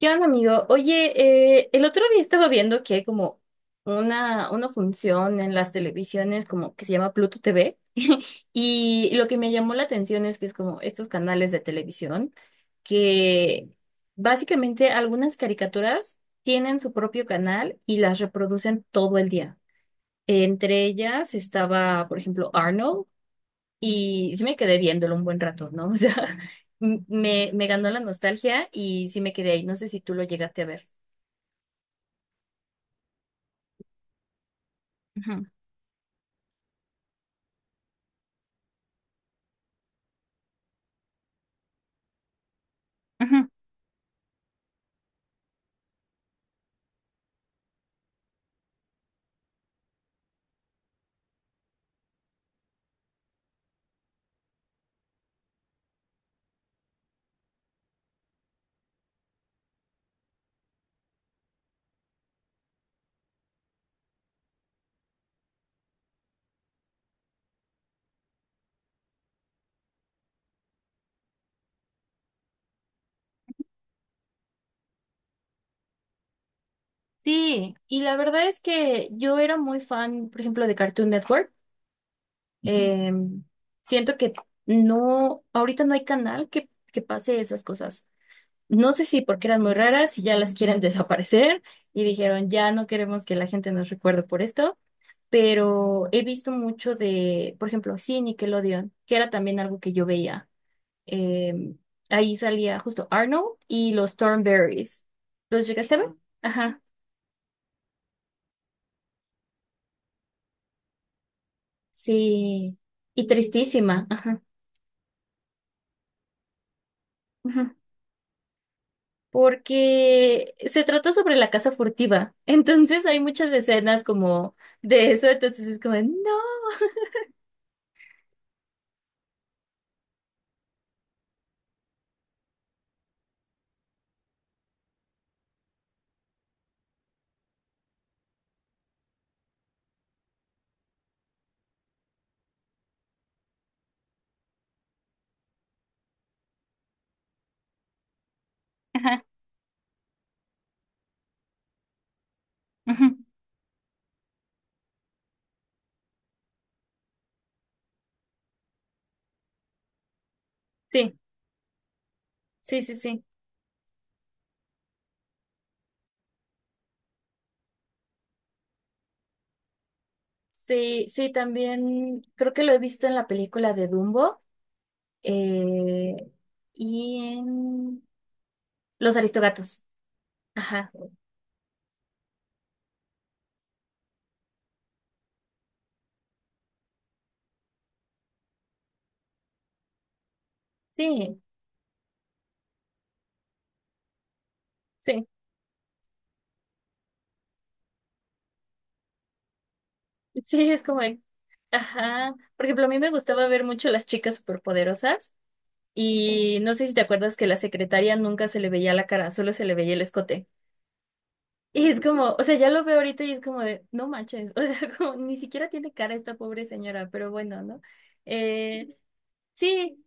¿Qué onda, amigo? Oye, el otro día estaba viendo que hay como una función en las televisiones como que se llama Pluto TV y lo que me llamó la atención es que es como estos canales de televisión que básicamente algunas caricaturas tienen su propio canal y las reproducen todo el día. Entre ellas estaba, por ejemplo, Arnold y sí me quedé viéndolo un buen rato, ¿no? O sea, me ganó la nostalgia y sí me quedé ahí. No sé si tú lo llegaste a ver. Ujú, ujú. Sí, y la verdad es que yo era muy fan, por ejemplo, de Cartoon Network. Eh, siento que no, ahorita no hay canal que pase esas cosas. No sé si porque eran muy raras y ya las quieren desaparecer y dijeron, ya no queremos que la gente nos recuerde por esto, pero he visto mucho de, por ejemplo, sí, Nickelodeon, que era también algo que yo veía. Eh, ahí salía justo Arnold y los Thornberrys. ¿Los llegaste a ver? Ajá. Sí, y tristísima, ajá, ajá, porque se trata sobre la casa furtiva, entonces hay muchas escenas como de eso, entonces es como, no. Ajá, ujú. Sí, sí, sí, sí, sí, sí, también creo que lo he visto en la película de Dumbo, eh, y en Los Aristogatos, ajá, sí, sí, sí, es como, el- ajá, por ejemplo, a mí me gustaba ver mucho Las Chicas Superpoderosas. Y no sé si te acuerdas que la secretaria nunca se le veía la cara, solo se le veía el escote. Y es como, o sea, ya lo veo ahorita y es como de, no manches, o sea, como, ni siquiera tiene cara esta pobre señora, pero bueno, ¿no? Eh, sí,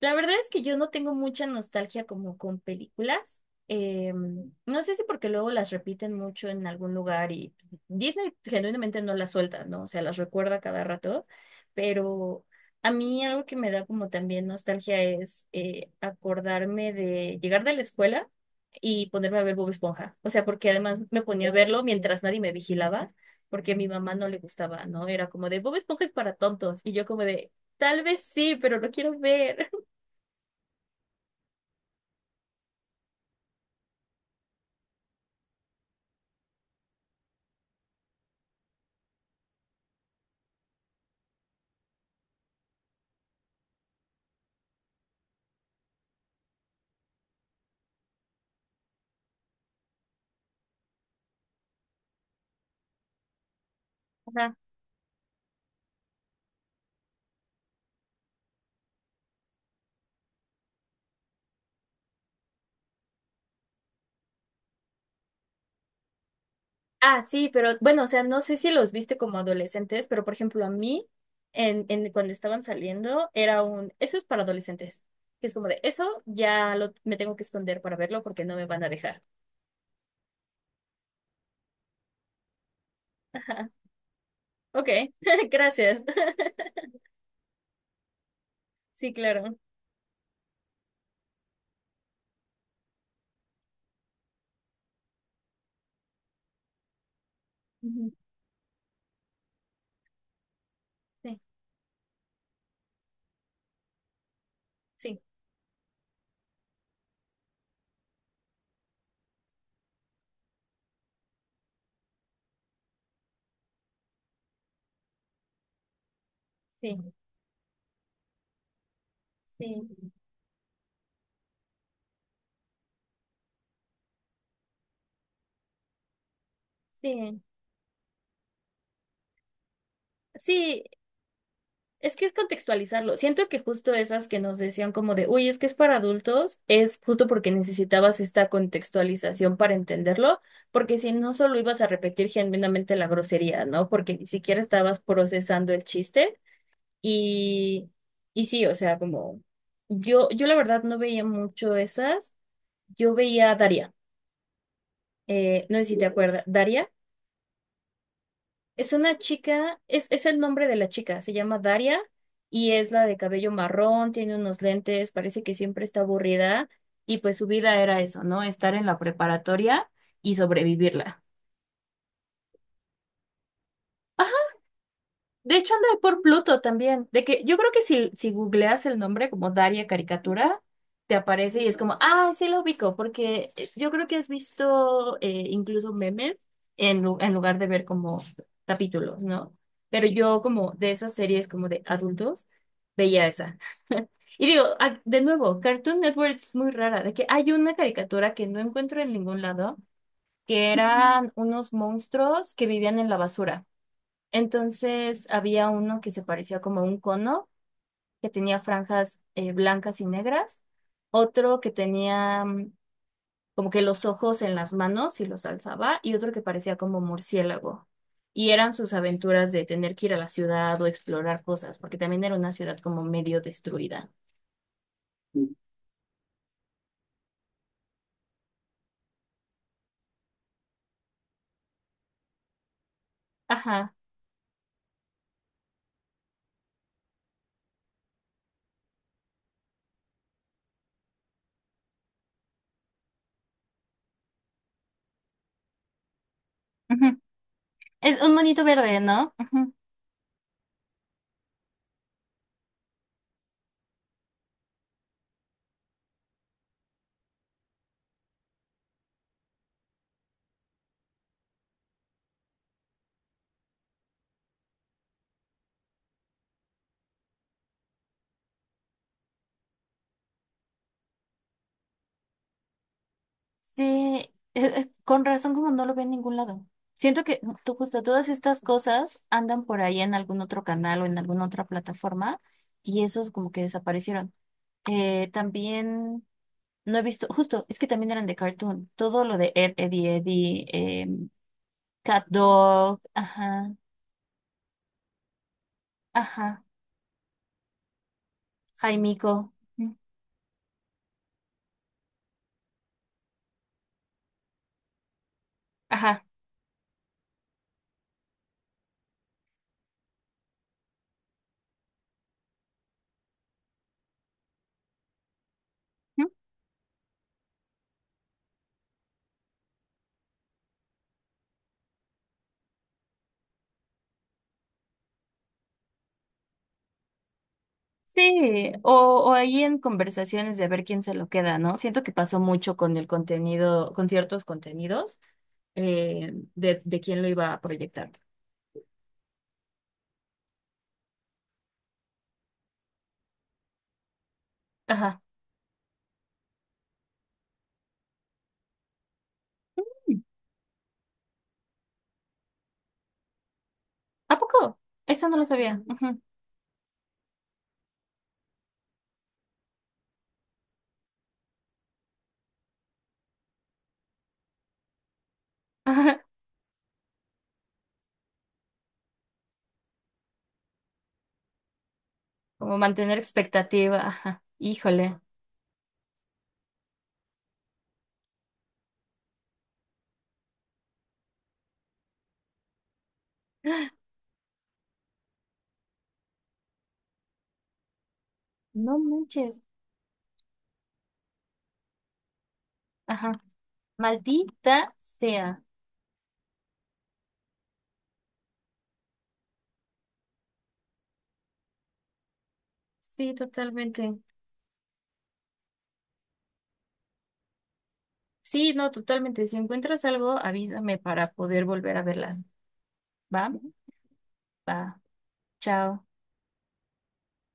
la verdad es que yo no tengo mucha nostalgia como con películas. No sé si porque luego las repiten mucho en algún lugar y Disney genuinamente no las suelta, ¿no? O sea, las recuerda cada rato, pero a mí algo que me da como también nostalgia es acordarme de llegar de la escuela y ponerme a ver Bob Esponja. O sea, porque además me ponía a verlo mientras nadie me vigilaba, porque a mi mamá no le gustaba, ¿no? Era como de Bob Esponja es para tontos y yo como de... Tal vez sí, pero lo quiero ver. Ajá. Ah, sí, pero bueno, o sea, no sé si los viste como adolescentes, pero por ejemplo, a mí, cuando estaban saliendo, era un, eso es para adolescentes, que es como de, eso ya lo, me tengo que esconder para verlo porque no me van a dejar. Ajá. Ok, gracias. Sí, claro. Ujú. Sí, sí, sí, sí, sí. Sí, es que es contextualizarlo. Siento que justo esas que nos decían como de, uy, es que es para adultos, es justo porque necesitabas esta contextualización para entenderlo, porque si no solo ibas a repetir genuinamente la grosería, ¿no? Porque ni siquiera estabas procesando el chiste y, y sí, o sea, como yo la verdad no veía mucho esas, yo veía Daria, no sé si te acuerdas, Daria. Es una chica, es el nombre de la chica, se llama Daria y es la de cabello marrón, tiene unos lentes, parece que siempre está aburrida y pues su vida era eso, ¿no? Estar en la preparatoria y sobrevivirla. De hecho, anda por Pluto también. De que yo creo que si googleas el nombre como Daria Caricatura, te aparece y es como, ah, sí lo ubico, porque yo creo que has visto incluso memes en, en lugar de ver como capítulos, ¿no? Pero yo como de esas series como de adultos, veía esa. Y digo, ah, de nuevo, Cartoon Network es muy rara, de que hay una caricatura que no encuentro en ningún lado, que eran unos monstruos que vivían en la basura. Entonces había uno que se parecía como a un cono, que tenía franjas blancas y negras, otro que tenía como que los ojos en las manos y los alzaba, y otro que parecía como murciélago. Y eran sus aventuras de tener que ir a la ciudad o explorar cosas, porque también era una ciudad como medio destruida. Ajá. Ujú. Es un monito verde, ¿no? Ujú. Sí, con razón como no lo veo en ningún lado. Siento que mm, tú justo todas estas cosas andan por ahí en algún otro canal o en alguna otra plataforma y esos como que desaparecieron. También no he visto, justo, es que también eran de cartoon, todo lo de Ed, Eddie, em, Cat Dog, ajá, ajá, Jaimico, mm, ajá. Mm, sí, o ahí en conversaciones de ver quién se lo queda, ¿no? Siento que pasó mucho con el contenido, con ciertos contenidos de quién lo iba a proyectar. Ajá. ¿A poco? Eso no lo sabía. Ujú. Ajá. Como mantener expectativa. Ajá. Híjole. No manches. Ajá. Maldita sea. Sí, totalmente. Sí, no, totalmente. Si encuentras algo, avísame para poder volver a verlas. ¿Va? Va. Chao.